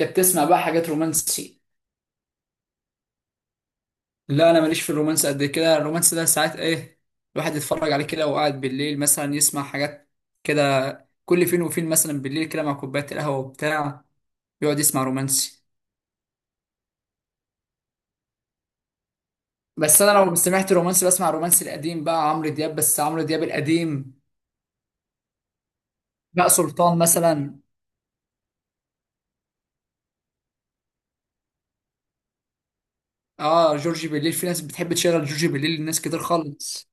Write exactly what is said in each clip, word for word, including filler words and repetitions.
انت بتسمع بقى حاجات رومانسي؟ لا انا ماليش في الرومانس قد كده. الرومانس ده ساعات ايه، الواحد يتفرج عليه كده وقاعد بالليل مثلا يسمع حاجات كده. كل فين وفين مثلا بالليل كده مع كوبايه القهوه وبتاع يقعد يسمع رومانسي. بس انا لو سمعت رومانسي بسمع الرومانسي القديم بقى، عمرو دياب، بس عمرو دياب القديم بقى، سلطان مثلا. اه جورجي، بالليل في ناس بتحب تشغل جورجي بالليل، لناس كتير خالص.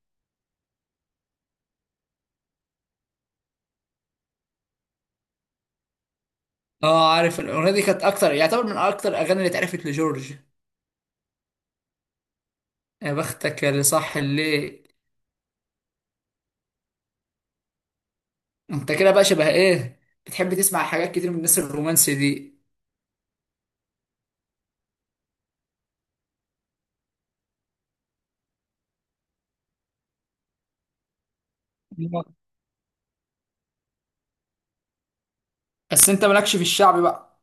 اه عارف، الاغنيه دي كانت اكتر، يعتبر من اكتر الاغاني اللي اتعرفت لجورج. يا بختك يا اللي صح الليل. انت كده بقى شبه ايه، بتحب تسمع حاجات كتير من الناس الرومانسي دي؟ بس انت مالكش في الشعبي بقى.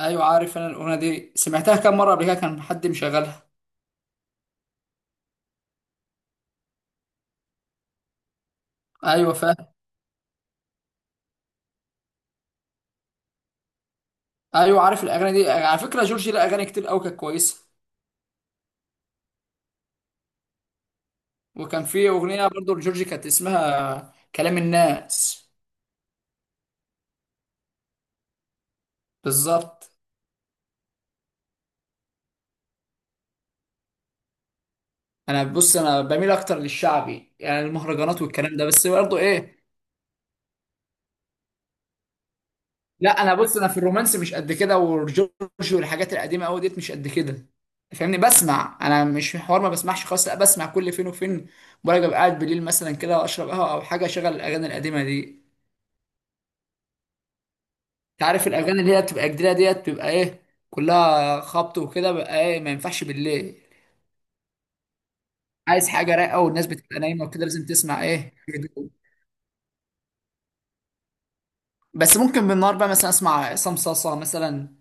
ايوه عارف، انا الاغنيه دي سمعتها كام مره قبل كده، كان حد مشغلها. ايوه فاهم. ايوه عارف، الاغاني دي على فكره جورجي لها اغاني كتير قوي كانت كويسه. وكان في اغنيه برضو لجورجي كانت اسمها كلام الناس. بالظبط. انا بص، انا بميل اكتر للشعبي يعني المهرجانات والكلام ده، بس برضو ايه. لا انا بص، انا في الرومانس مش قد كده، وجورج والحاجات القديمه قوي ديت مش قد كده، فاهمني؟ بسمع، انا مش في حوار ما بسمعش خالص، لا بسمع كل فين وفين. برجع أبقى قاعد بالليل مثلا كده واشرب قهوه او حاجه، اشغل الاغاني القديمه دي. انت عارف الاغاني اللي هي بتبقى جديده ديت بتبقى ايه، كلها خبط وكده بقى، ايه ما ينفعش بالليل. عايز حاجه رايقه، والناس بتبقى نايمه وكده لازم تسمع ايه، هدوء. بس ممكن بالنهار بقى مثلا اسمع عصام صاصا مثلا.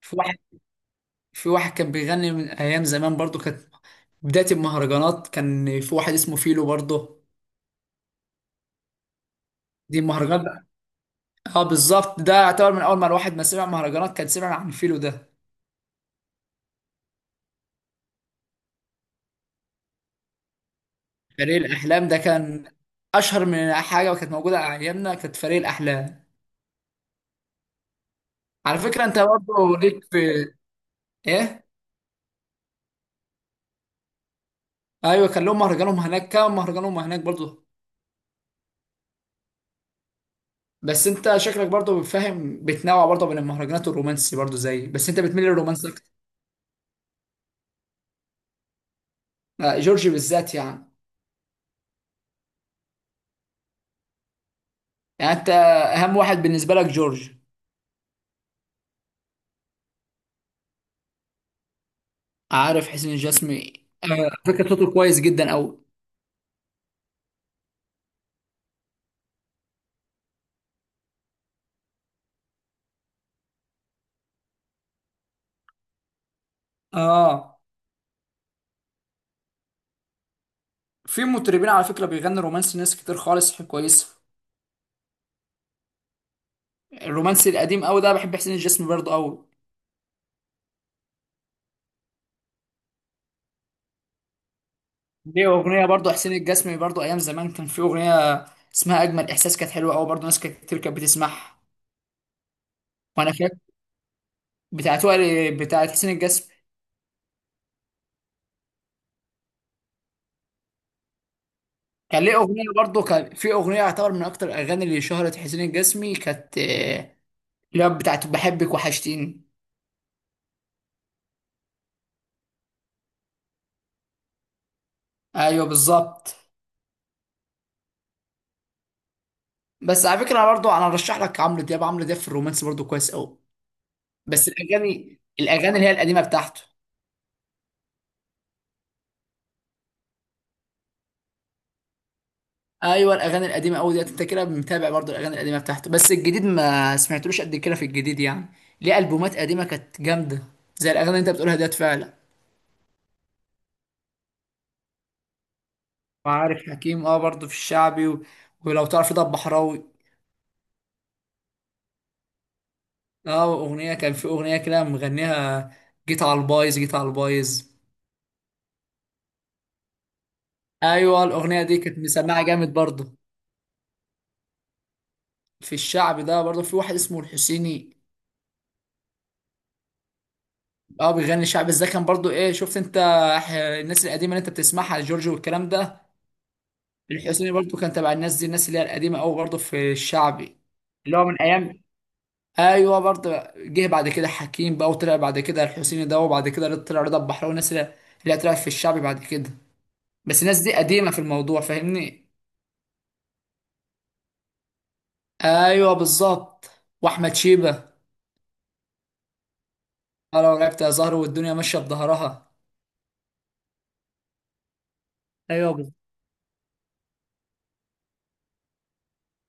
في واحد في واحد كان بيغني من ايام زمان، برضو كانت بداية المهرجانات كان في واحد اسمه فيلو برضه. دي المهرجان ده. اه بالظبط، ده اعتبر من اول ما الواحد ما سمع مهرجانات كان سمع عن فيلو ده. فريق الاحلام ده كان اشهر من حاجة، وكانت موجودة على ايامنا كانت فريق الاحلام. على فكرة انت برضه ليك في ايه. ايوه كان لهم مهرجانهم هناك، كان مهرجانهم هناك برضه. بس انت شكلك برضه بتفهم، بتنوع برضه بين المهرجانات والرومانسي برضه زي، بس انت بتميل للرومانسي اكتر. آه، جورج بالذات يعني. يعني انت اهم واحد بالنسبة لك جورج؟ عارف حسين الجسمي. آه، فكرة صوته كويس جدا أوي. اه، في مطربين على فكرة بيغنوا رومانسي ناس كتير خالص كويسة. الرومانسي القديم أوي ده، بحب حسين الجسمي برضه أوي. ليه أغنية برضه حسين الجسمي، برضه أيام زمان كان في أغنية اسمها أجمل إحساس، كانت حلوة أوي برضه ناس كتير كانت بتسمعها. وأنا فاكر بتاعت وائل، بتاعت حسين الجسمي. كان ليه أغنية برضه، كان في أغنية يعتبر من أكتر الأغاني اللي شهرت حسين الجسمي، كانت آه، اللي هي بتاعت بحبك وحشتيني. أيوه بالظبط. بس على فكره برضو انا ارشح لك عمرو دياب، عمرو دياب في الرومانس برضو كويس قوي. بس الاغاني الاغاني اللي هي القديمه بتاعته. ايوه الاغاني القديمه قوي ديت، انت كده متابع برضو الاغاني القديمه بتاعته، بس الجديد ما سمعتلوش قد كده في الجديد يعني. ليه البومات قديمه كانت جامده، زي الاغاني اللي انت بتقولها ديت فعلا. وعارف حكيم، اه برضو في الشعبي و... ولو تعرف ده بحراوي. اه اغنيه، كان في اغنيه كده مغنيها جيت على البايظ، جيت على البايظ. ايوه الاغنيه دي كانت مسمعه جامد برضو. في الشعب ده برضو في واحد اسمه الحسيني. اه بيغني شعبي، ازاي كان برضو، ايه شفت انت ح- الناس القديمه اللي انت بتسمعها جورج والكلام ده. الحسيني برضو كان تبع الناس دي، الناس اللي هي القديمه قوي برضو في الشعبي. اللي هو من ايام. ايوه برضو. جه بعد كده حكيم بقى، وطلع بعد كده الحسيني ده، وبعد كده طلع رضا البحراوي والناس اللي اللي طلعت في الشعبي بعد كده. بس الناس دي قديمه في الموضوع، فاهمني؟ ايوه بالظبط، واحمد شيبه. اه لو لعبت يا زهر، والدنيا ماشيه بظهرها. ايوه بالظبط.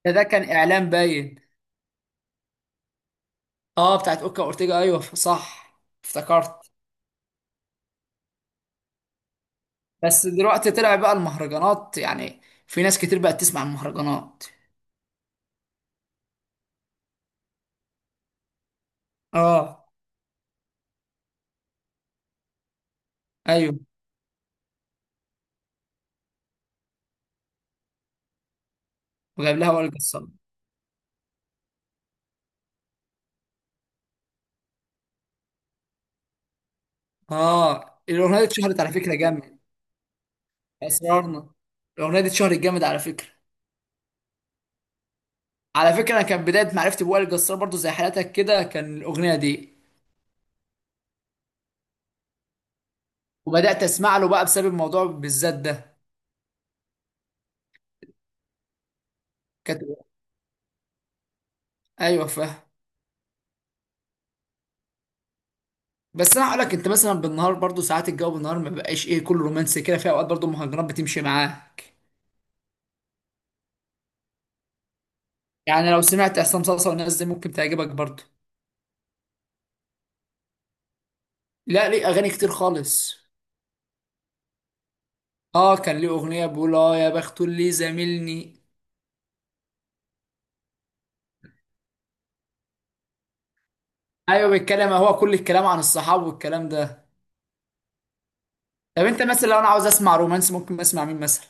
ده ده كان اعلان باين. اه بتاعت اوكا اورتيجا، ايوه صح، افتكرت. بس دلوقتي طلع بقى المهرجانات يعني، في ناس كتير بقت تسمع المهرجانات. اه. ايوه وجايب لها وائل جسار. اه الاغنيه دي اتشهرت على فكره جامد. اسرارنا، الاغنيه دي اتشهرت جامد على فكره. على فكره انا كان بدايه معرفتي بوائل جسار برضو زي حالتك كده، كان الاغنيه دي، وبدات اسمع له بقى بسبب الموضوع بالذات ده. كانت. ايوه فاهم. بس انا هقول لك، انت مثلا بالنهار برضو ساعات الجو بالنهار ما بقاش ايه كله رومانسي كده، في اوقات برضو المهرجانات بتمشي معاك يعني. لو سمعت عصام صاصا والناس دي ممكن تعجبك برضو. لا ليه اغاني كتير خالص. اه كان ليه اغنيه بيقول اه يا بخت اللي زاملني. ايوه بيتكلم هو كل الكلام عن الصحاب والكلام ده. طب انت مثلا، لو انا عاوز اسمع رومانس ممكن اسمع مين مثلا؟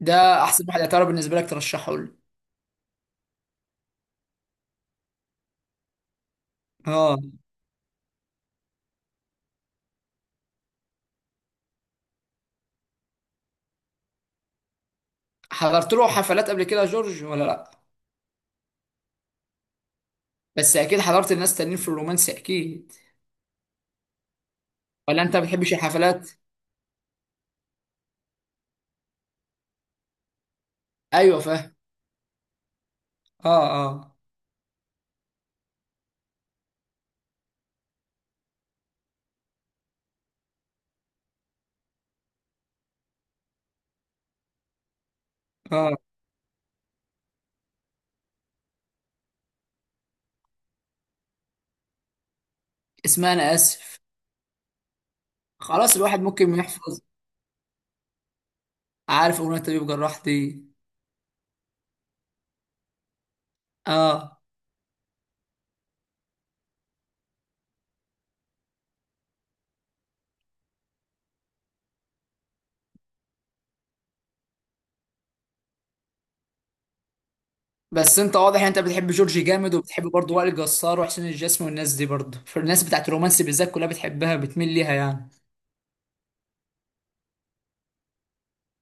ده احسن واحد يعتبر بالنسبه لك ترشحه لي. اه. حضرت له حفلات قبل كده يا جورج ولا لا؟ بس اكيد حضرت الناس تانيين في الرومانس اكيد. ولا انت ما بتحبش الحفلات؟ ايوه فاهم. اه. اه. اه اسمها انا اسف. خلاص الواحد ممكن يحفظ. عارف اغنيه طبيب جراح دي؟ اه. بس انت واضح ان انت بتحب جورجي جامد، وبتحب برضه وائل جسار وحسين الجسمي والناس دي برضه، فالناس بتاعت الرومانسي بالذات كلها بتحبها، بتميل ليها يعني.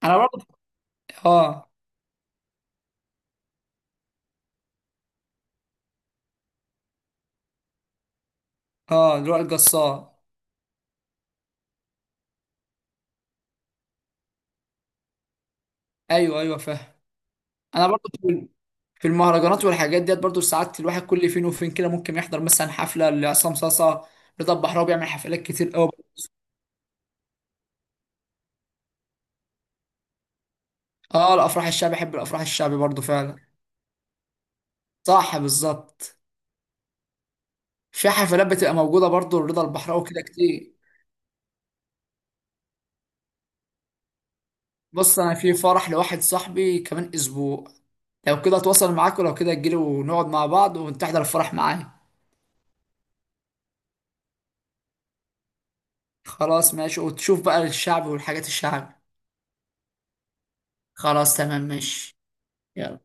انا برضه. اه. اه وائل جسار. ايوه ايوه فاهم. انا برضه في في المهرجانات والحاجات ديت برضه، ساعات الواحد كل فين وفين كده ممكن يحضر مثلا حفله لعصام صاصا. رضا البحراوي بيعمل حفلات كتير قوي. اه الافراح الشعبي، بحب الافراح الشعبي برضه فعلا. صح بالظبط. في حفلات بتبقى موجوده برضه لرضا البحراوي كده كتير. بص انا في فرح لواحد صاحبي كمان اسبوع، لو كده اتواصل معاك، ولو كده تجيلي ونقعد مع بعض وتحضر الفرح معايا. خلاص ماشي، وتشوف بقى الشعب والحاجات الشعب. خلاص تمام ماشي. يلا.